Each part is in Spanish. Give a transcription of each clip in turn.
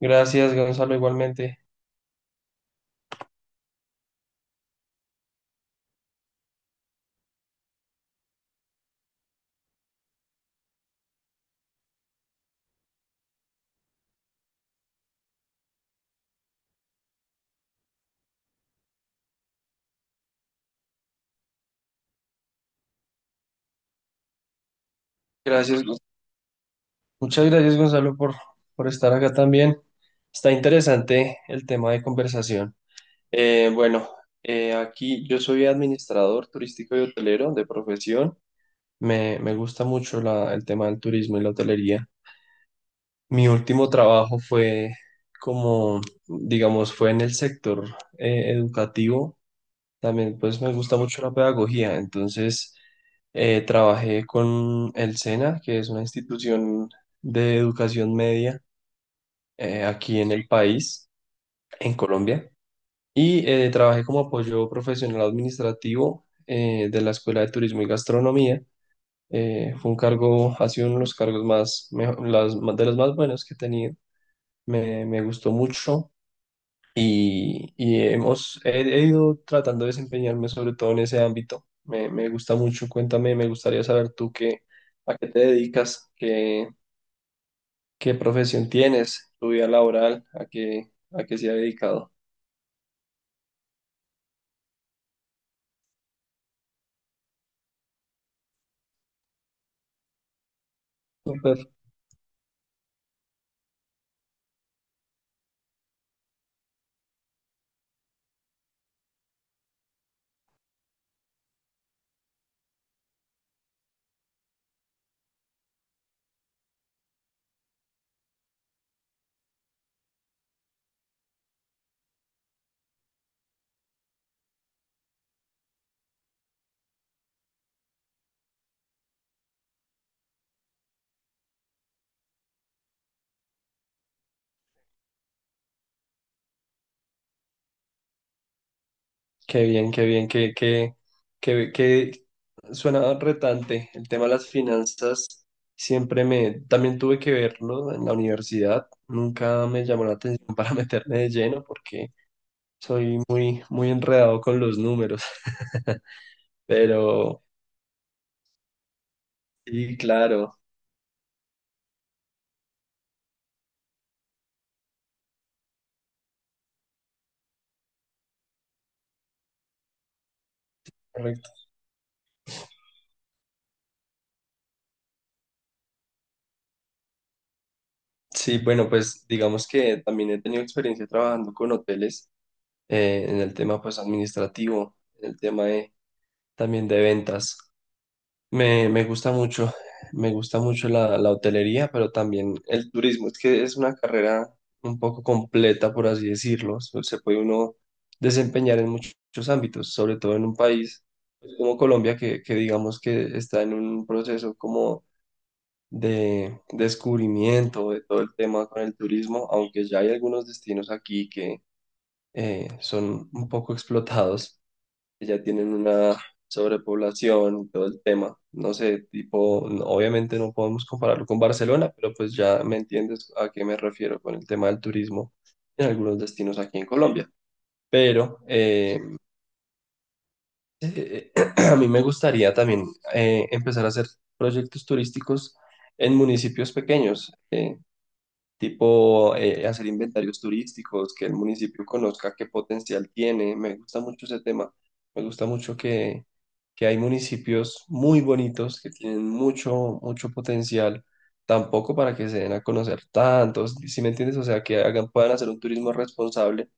Gracias, Gonzalo, igualmente. Gracias. Muchas gracias, Gonzalo, por estar acá también. Está interesante el tema de conversación. Bueno, aquí yo soy administrador turístico y hotelero de profesión. Me gusta mucho el tema del turismo y la hotelería. Mi último trabajo fue como, digamos, fue en el sector educativo. También pues me gusta mucho la pedagogía, entonces trabajé con el SENA, que es una institución de educación media aquí en el país, en Colombia, y trabajé como apoyo profesional administrativo de la Escuela de Turismo y Gastronomía. Fue un cargo, ha sido uno de los cargos más, de los más buenos que he tenido. Me gustó mucho y hemos, he ido tratando de desempeñarme sobre todo en ese ámbito. Me gusta mucho, cuéntame, me gustaría saber tú qué, a qué te dedicas, qué, qué profesión tienes, tu vida laboral, a qué se ha dedicado. Súper. Qué bien, qué, qué- suena retante. El tema de las finanzas siempre me, también tuve que verlo en la universidad. Nunca me llamó la atención para meterme de lleno porque soy muy, muy enredado con los números, pero sí, claro, correcto. Sí, bueno, pues digamos que también he tenido experiencia trabajando con hoteles en el tema pues administrativo, en el tema de, también de ventas. Me gusta mucho, me gusta mucho la, la hotelería, pero también el turismo. Es que es una carrera un poco completa, por así decirlo. Se puede uno desempeñar en muchos, muchos ámbitos, sobre todo en un país pues, como Colombia, que digamos que está en un proceso como de descubrimiento de todo el tema con el turismo, aunque ya hay algunos destinos aquí que son un poco explotados, que ya tienen una sobrepoblación y todo el tema. No sé, tipo, obviamente no podemos compararlo con Barcelona, pero pues ya me entiendes a qué me refiero con el tema del turismo en algunos destinos aquí en Colombia. Pero eh, a mí me gustaría también empezar a hacer proyectos turísticos en municipios pequeños. Tipo hacer inventarios turísticos, que el municipio conozca qué potencial tiene. Me gusta mucho ese tema. Me gusta mucho que hay municipios muy bonitos que tienen mucho, mucho potencial, tampoco para que se den a conocer tantos, ¿si me entiendes? O sea, que hagan, puedan hacer un turismo responsable,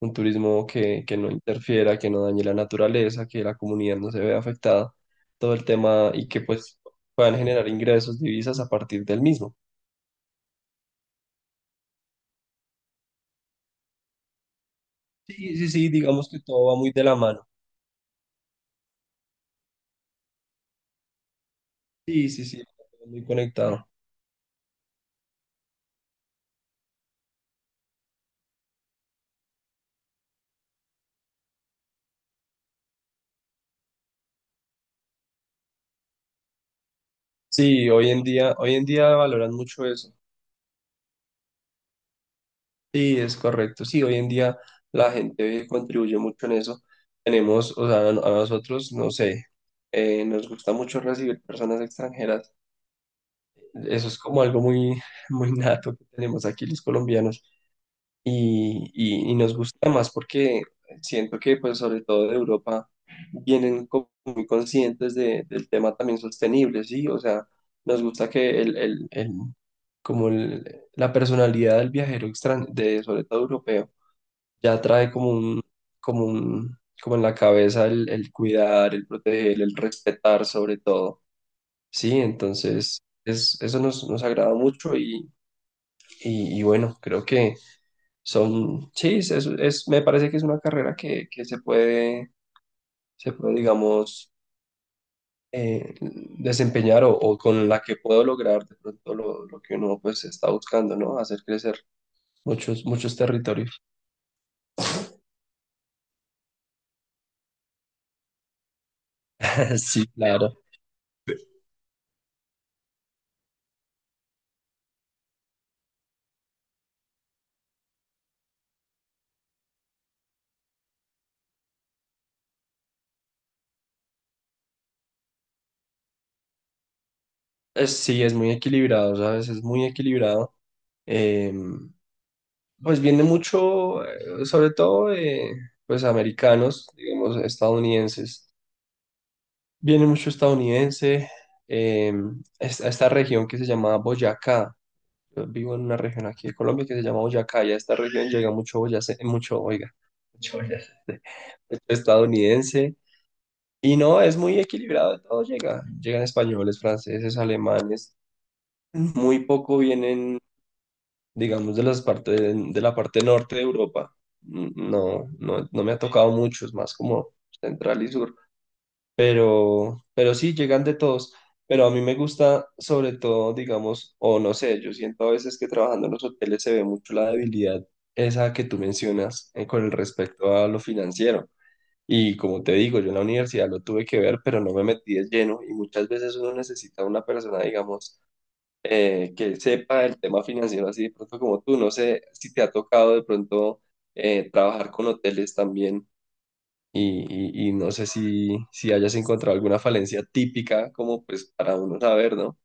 un turismo que no interfiera, que no dañe la naturaleza, que la comunidad no se vea afectada, todo el tema y que pues puedan generar ingresos, divisas a partir del mismo. Sí, sí, sí, digamos que todo va muy de la mano. Sí, sí, sí, muy conectado. Sí, hoy en día valoran mucho eso. Sí, es correcto. Sí, hoy en día la gente contribuye mucho en eso. Tenemos, o sea, a nosotros, no sé, nos gusta mucho recibir personas extranjeras. Eso es como algo muy, muy nato que tenemos aquí los colombianos. Y, y nos gusta más porque siento que, pues, sobre todo de Europa, vienen como muy conscientes del tema también sostenible, ¿sí? O sea, nos gusta que como la personalidad del viajero de, sobre todo europeo, ya trae como un, como un, como en la cabeza el cuidar, el proteger, el respetar sobre todo, ¿sí? Entonces, es, eso nos, nos agrada mucho y bueno, creo que... Son, sí, es, me parece que es una carrera que se puede, digamos, desempeñar o con la que puedo lograr de pronto lo que uno pues está buscando, ¿no? Hacer crecer muchos, muchos territorios. Sí, claro. Sí, es muy equilibrado, ¿sabes? Es muy equilibrado. Eh, pues viene mucho, sobre todo, de, pues americanos, digamos, estadounidenses. Viene mucho estadounidense eh, a esta región que se llama Boyacá. Yo vivo en una región aquí de Colombia que se llama Boyacá y a esta región llega mucho mucho, oiga, mucho boyacense, estadounidense. Y no, es muy equilibrado, de todo llega. Llegan españoles, franceses, alemanes. Muy poco vienen, digamos, de las partes de la parte norte de Europa. No, no, no me ha tocado mucho, es más como central y sur. Pero sí, llegan de todos. Pero a mí me gusta, sobre todo, digamos, o no sé, yo siento a veces que trabajando en los hoteles se ve mucho la debilidad esa que tú mencionas con el respecto a lo financiero. Y como te digo, yo en la universidad lo tuve que ver, pero no me metí de lleno. Y muchas veces uno necesita una persona, digamos, que sepa el tema financiero así de pronto como tú. No sé si te ha tocado de pronto trabajar con hoteles también y, y no sé si, si hayas encontrado alguna falencia típica como pues para uno saber, ¿no?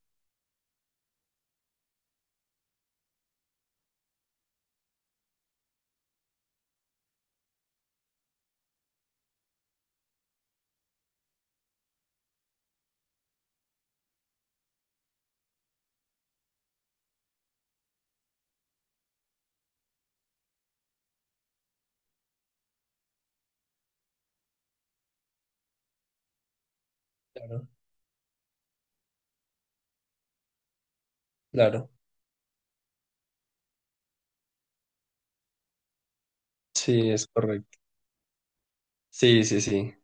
Claro, claro. Sí, es correcto. Sí, sí, sí.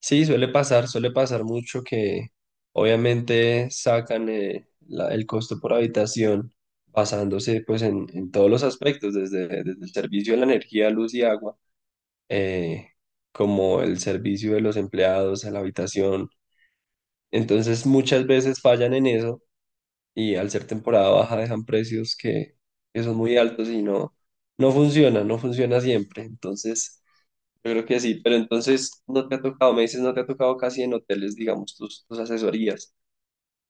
Sí, suele pasar mucho que obviamente sacan el costo por habitación basándose pues en todos los aspectos, desde, desde el servicio de la energía, luz y agua, eh, como el servicio de los empleados a la habitación. Entonces muchas veces fallan en eso y al ser temporada baja dejan precios que son muy altos y no, no funciona, no funciona siempre. Entonces, yo creo que sí, pero entonces no te ha tocado, me dices, no te ha tocado casi en hoteles, digamos, tus, tus asesorías.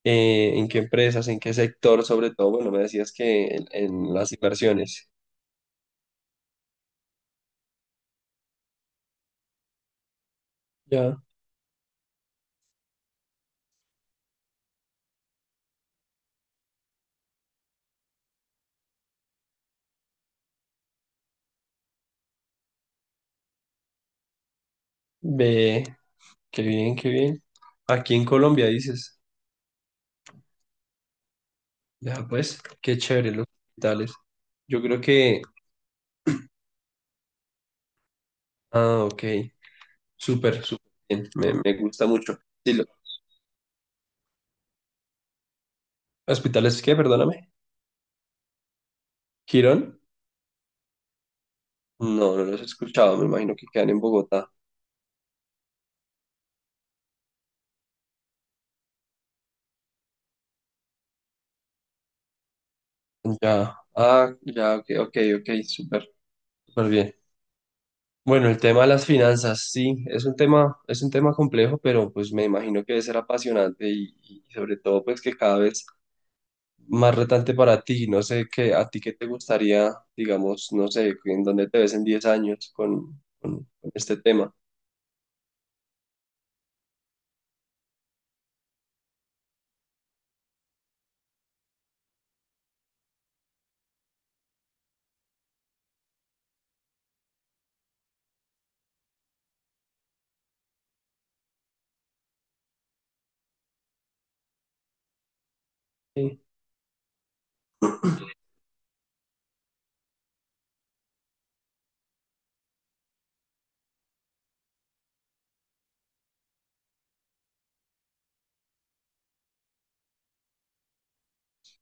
¿En qué empresas, en qué sector, sobre todo? Bueno, me decías que en las inversiones. Ya, ve, qué bien, qué bien. Aquí en Colombia dices, ya pues, qué chévere los hospitales. Yo creo que, ah, ok, súper, súper bien, me gusta mucho. Sí, lo- ¿Hospitales qué? Perdóname. ¿Girón? No, no los he escuchado, me imagino que quedan en Bogotá. Ya, ah, ya, ok, ok, ok, súper, súper bien. Bueno, el tema de las finanzas, sí, es un tema complejo, pero pues me imagino que debe ser apasionante y sobre todo pues que cada vez más retante para ti. No sé qué, a ti qué te gustaría, digamos, no sé, en dónde te ves en 10 años con, con este tema. Sí.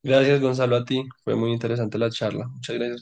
Gracias, Gonzalo, a ti. Fue muy interesante la charla. Muchas gracias.